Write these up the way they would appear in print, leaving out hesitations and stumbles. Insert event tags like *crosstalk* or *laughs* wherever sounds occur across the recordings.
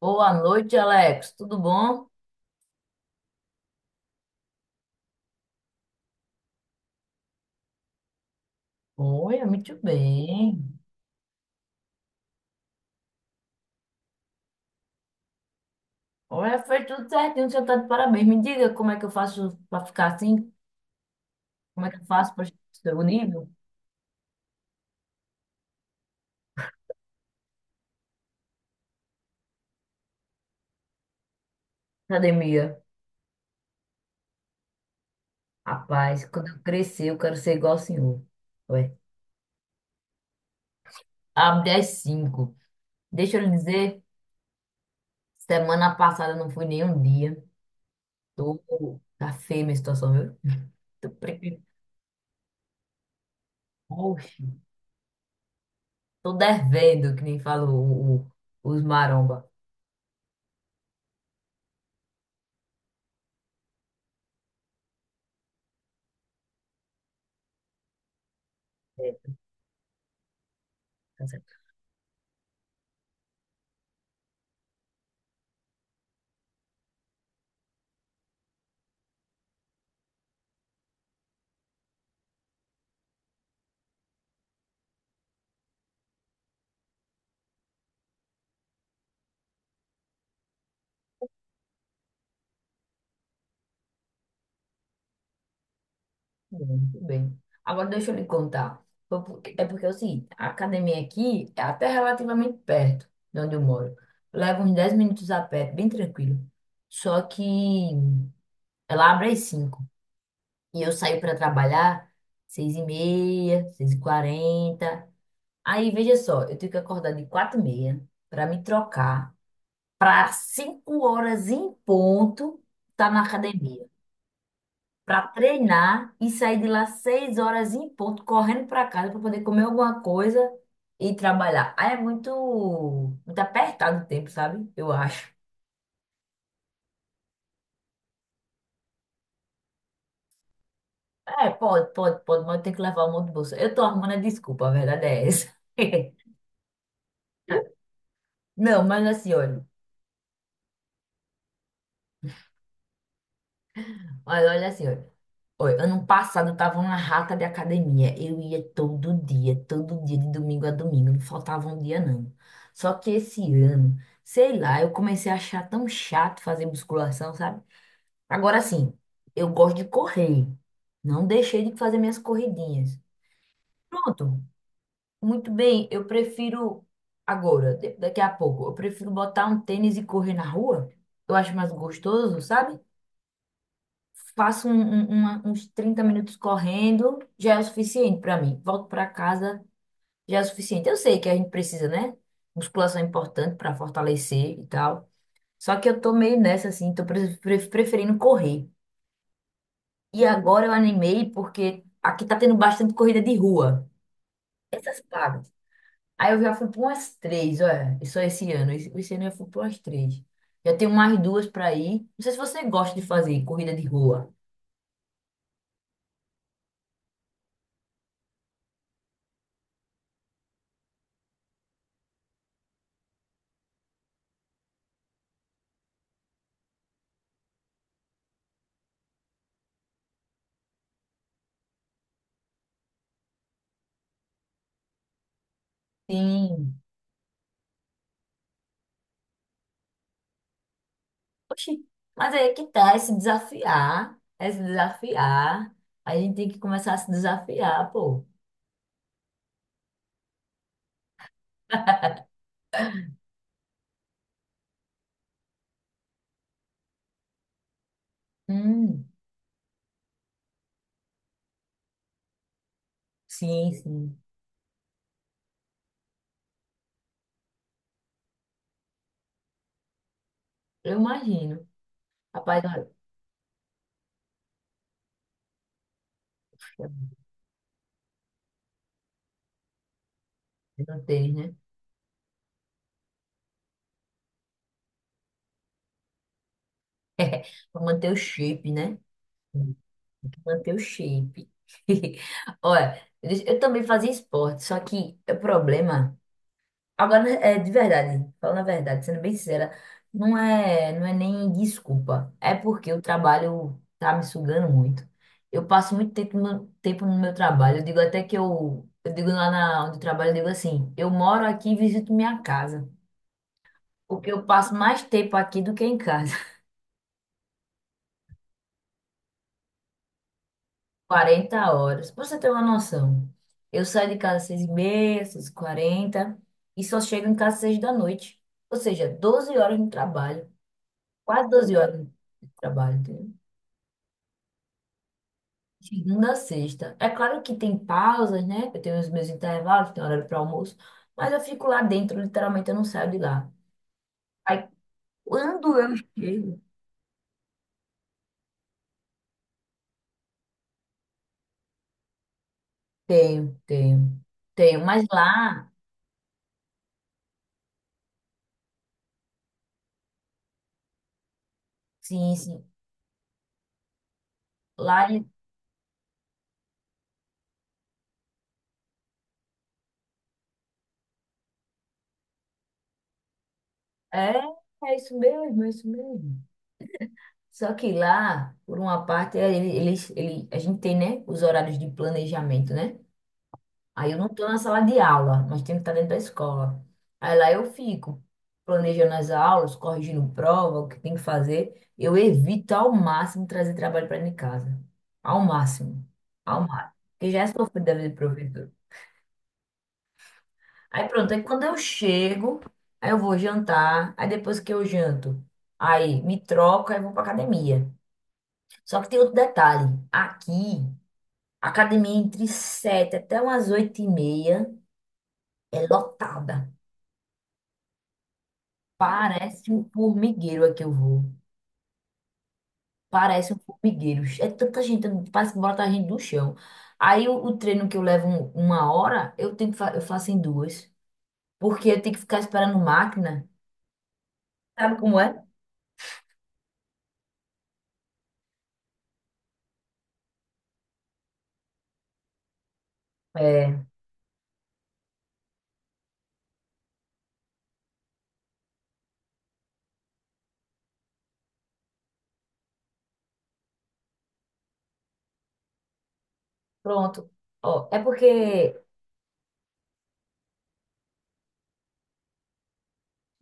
Boa noite, Alex. Tudo bom? Oi, muito bem. Olha, foi tudo certinho, o senhor está de parabéns. Me diga como é que eu faço para ficar assim? Como é que eu faço para chegar o nível? Academia. Rapaz, quando eu crescer, eu quero ser igual ao senhor. Ué, abre às 5. Deixa eu lhe dizer, semana passada eu não fui nem um dia. Tô... Tá feia a minha situação, viu? Tô... pre- Oxe, tô devendo, que nem fala os maromba. É, tá certo. Muito bem. Agora deixa eu lhe contar. É porque é o seguinte, a academia aqui é até relativamente perto de onde eu moro. Leva uns 10 minutos a pé, bem tranquilo. Só que ela abre às 5 e eu saio para trabalhar 6 e meia, 6 e 40. Aí, veja só, eu tenho que acordar de 4 e meia para me trocar para 5 horas em ponto estar na academia. Para treinar e sair de lá seis horas em ponto, correndo para casa para poder comer alguma coisa e trabalhar. Aí é muito, muito apertado o tempo, sabe? Eu acho. É, pode, pode, pode, mas eu tenho que levar um monte de bolsa. Eu tô arrumando a desculpa, a verdade é essa. *laughs* Não, mas assim, olha. Mas olha assim, olha. Oi, ano passado eu tava uma rata de academia. Eu ia todo dia, de domingo a domingo. Não faltava um dia, não. Só que esse ano, sei lá, eu comecei a achar tão chato fazer musculação, sabe? Agora sim, eu gosto de correr. Não deixei de fazer minhas corridinhas. Pronto, muito bem. Eu prefiro agora, daqui a pouco, eu prefiro botar um tênis e correr na rua. Eu acho mais gostoso, sabe? Faço uns 30 minutos correndo, já é o suficiente para mim. Volto para casa, já é o suficiente. Eu sei que a gente precisa, né? Musculação é importante para fortalecer e tal. Só que eu tô meio nessa, assim, tô preferindo correr. E agora eu animei porque aqui tá tendo bastante corrida de rua. Essas pagas. Aí eu já fui para umas três, olha, só esse ano. Esse ano eu fui para umas três. Já tenho mais duas para ir. Não sei se você gosta de fazer corrida de rua. Sim. Oxi, mas aí é que tá, é se desafiar, é se desafiar. A gente tem que começar a se desafiar, pô. Hum, sim, sim. Eu imagino. Rapaz, olha, eu não tem, né? *laughs* Pra manter o shape, né? Tem que manter o shape. *laughs* Olha, eu também fazia esporte, só que o problema. Agora, é de verdade, falando a verdade, sendo bem sincera, não é nem desculpa. É porque o trabalho tá me sugando muito. Eu passo muito tempo no meu trabalho. Eu digo até que eu digo lá onde eu trabalho, eu digo assim, eu moro aqui e visito minha casa. Porque eu passo mais tempo aqui do que em casa. *laughs* 40 horas. Pra você ter uma noção, eu saio de casa às 6h30, 6h40 e quarenta e só chego em casa às 6 da noite. Ou seja, 12 horas no trabalho. Quase 12 horas de trabalho, entendeu? Segunda a sexta. É claro que tem pausas, né? Eu tenho os meus intervalos, tenho horário para almoço, mas eu fico lá dentro, literalmente eu não saio de lá. Aí quando eu chego, tenho, tenho, tenho, mas lá, sim, sim, lá é, é isso mesmo, é isso mesmo. Só que lá, por uma parte, a gente tem, né, os horários de planejamento, né? Aí eu não estou na sala de aula, nós temos que estar dentro da escola. Aí lá eu fico planejando as aulas, corrigindo prova, o que tem que fazer. Eu evito ao máximo trazer trabalho para dentro de casa. Ao máximo. Ao máximo. Porque já é sofrido da vida do professor. Aí pronto, aí quando eu chego, aí eu vou jantar, aí depois que eu janto, aí me troco, aí eu vou para academia. Só que tem outro detalhe. Aqui, a academia é entre 7 até umas 8 e meia, é lotada. Parece um formigueiro aqui eu vou. Parece um formigueiro. É tanta gente, parece que bota a gente do chão. Aí o treino que eu levo uma hora, eu tenho que fa- eu faço em duas. Porque eu tenho que ficar esperando máquina. Sabe como é? É, pronto. Ó, é porque.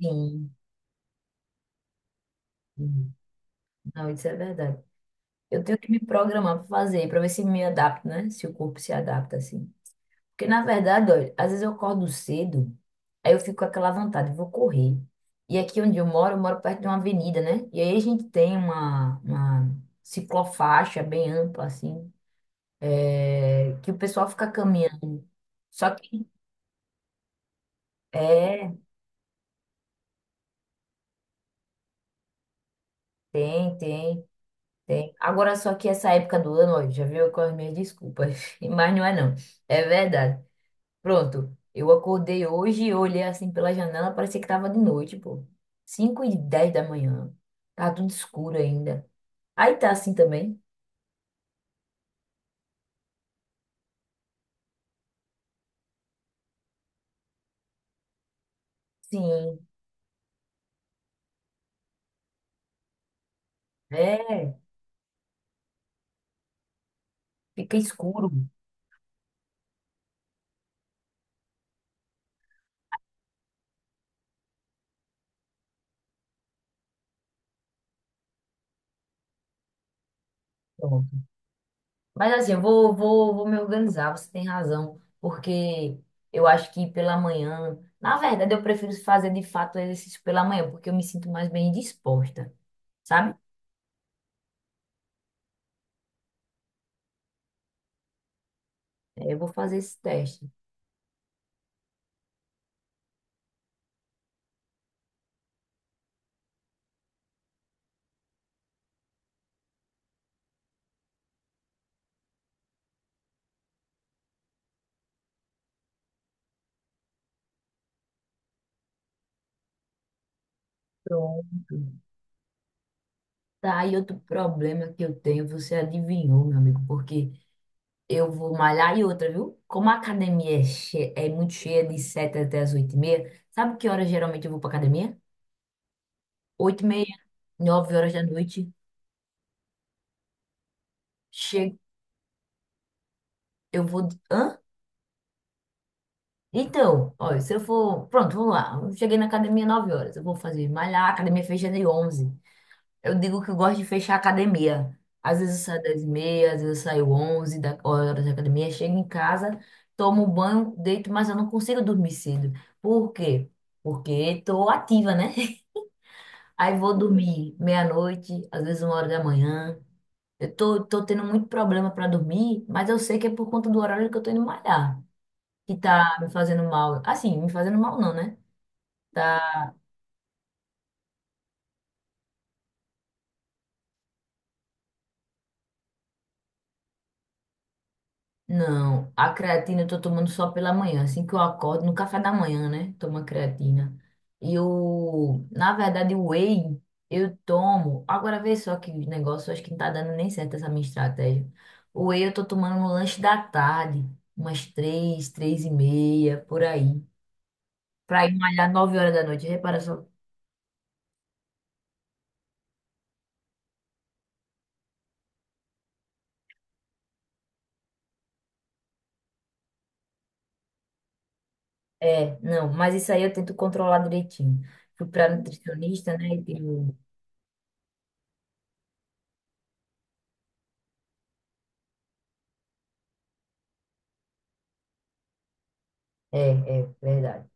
Sim, sim. Não, isso é verdade. Eu tenho que me programar para fazer, para ver se me adapto, né? Se o corpo se adapta assim. Porque, na verdade, olha, às vezes eu acordo cedo, aí eu fico com aquela vontade, vou correr. E aqui onde eu moro perto de uma avenida, né? E aí a gente tem uma ciclofaixa bem ampla, assim, que o pessoal fica caminhando. Só que, é, tem, tem, tem. Agora, só que essa época do ano, olha, já viu com as minhas desculpas, *laughs* mas não é não, é verdade. Pronto, eu acordei hoje e olhei assim pela janela, parecia que tava de noite, pô. Cinco e 10 da manhã. Tá tudo escuro ainda. Aí tá assim também? Sim, é, fica escuro. Pronto. Mas assim, eu vou me organizar, você tem razão, porque eu acho que pela manhã, na verdade, eu prefiro fazer de fato exercício pela manhã, porque eu me sinto mais bem disposta, sabe? É, eu vou fazer esse teste. Pronto. Tá, e outro problema que eu tenho, você adivinhou, meu amigo, porque eu vou malhar e outra, viu? Como a academia é muito cheia de 7 até as 8 e meia, sabe que horas geralmente eu vou pra academia? Oito e meia, 9 horas da noite, chego, eu vou. Hã? Então, olha, se eu for. Pronto, vamos lá. Eu cheguei na academia 9 horas, eu vou fazer malhar, a academia fecha de onze. Eu digo que eu gosto de fechar a academia. Às vezes eu saio 10 e meia, às vezes eu saio 11 da horas da academia, chego em casa, tomo banho, deito, mas eu não consigo dormir cedo. Por quê? Porque estou ativa, né? *laughs* Aí vou dormir meia-noite, às vezes uma hora da manhã. Eu tô tendo muito problema para dormir, mas eu sei que é por conta do horário que eu tô indo malhar, que tá me fazendo mal. Assim, me fazendo mal não, né? Tá. Não, a creatina eu tô tomando só pela manhã, assim que eu acordo, no café da manhã, né? Toma creatina. E na verdade, o whey eu tomo. Agora vê só que negócio, acho que não tá dando nem certo essa minha estratégia. O whey eu tô tomando no lanche da tarde, umas três, três e meia, por aí. Pra ir malhar nove horas da noite, repara só. É, não, mas isso aí eu tento controlar direitinho. Fui pra nutricionista, né? E tenho. É, é, verdade.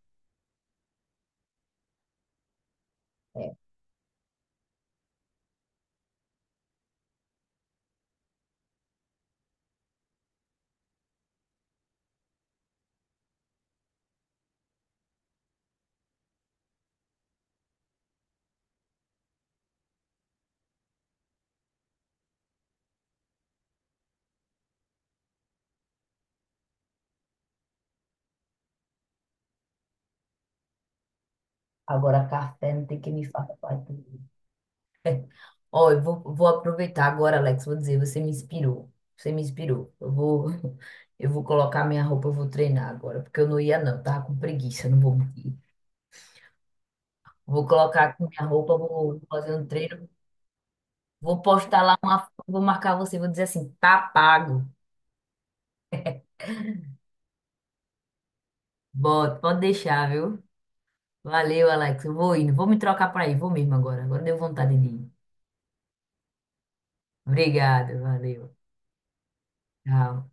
É. Agora, café não tem que me falar. Ó, eu vou aproveitar agora, Alex. Vou dizer, você me inspirou. Você me inspirou. *laughs* Eu vou colocar minha roupa, eu vou treinar agora, porque eu não ia, não. Eu tava com preguiça, não vou mentir. Vou colocar aqui minha roupa, vou fazer um treino. Vou postar lá uma foto, vou marcar você, vou dizer assim, tá pago. Bota, pode deixar, viu? Valeu, Alex. Eu vou indo. Vou me trocar para ir. Vou mesmo agora. Agora deu vontade de ir. Obrigada, valeu. Tchau.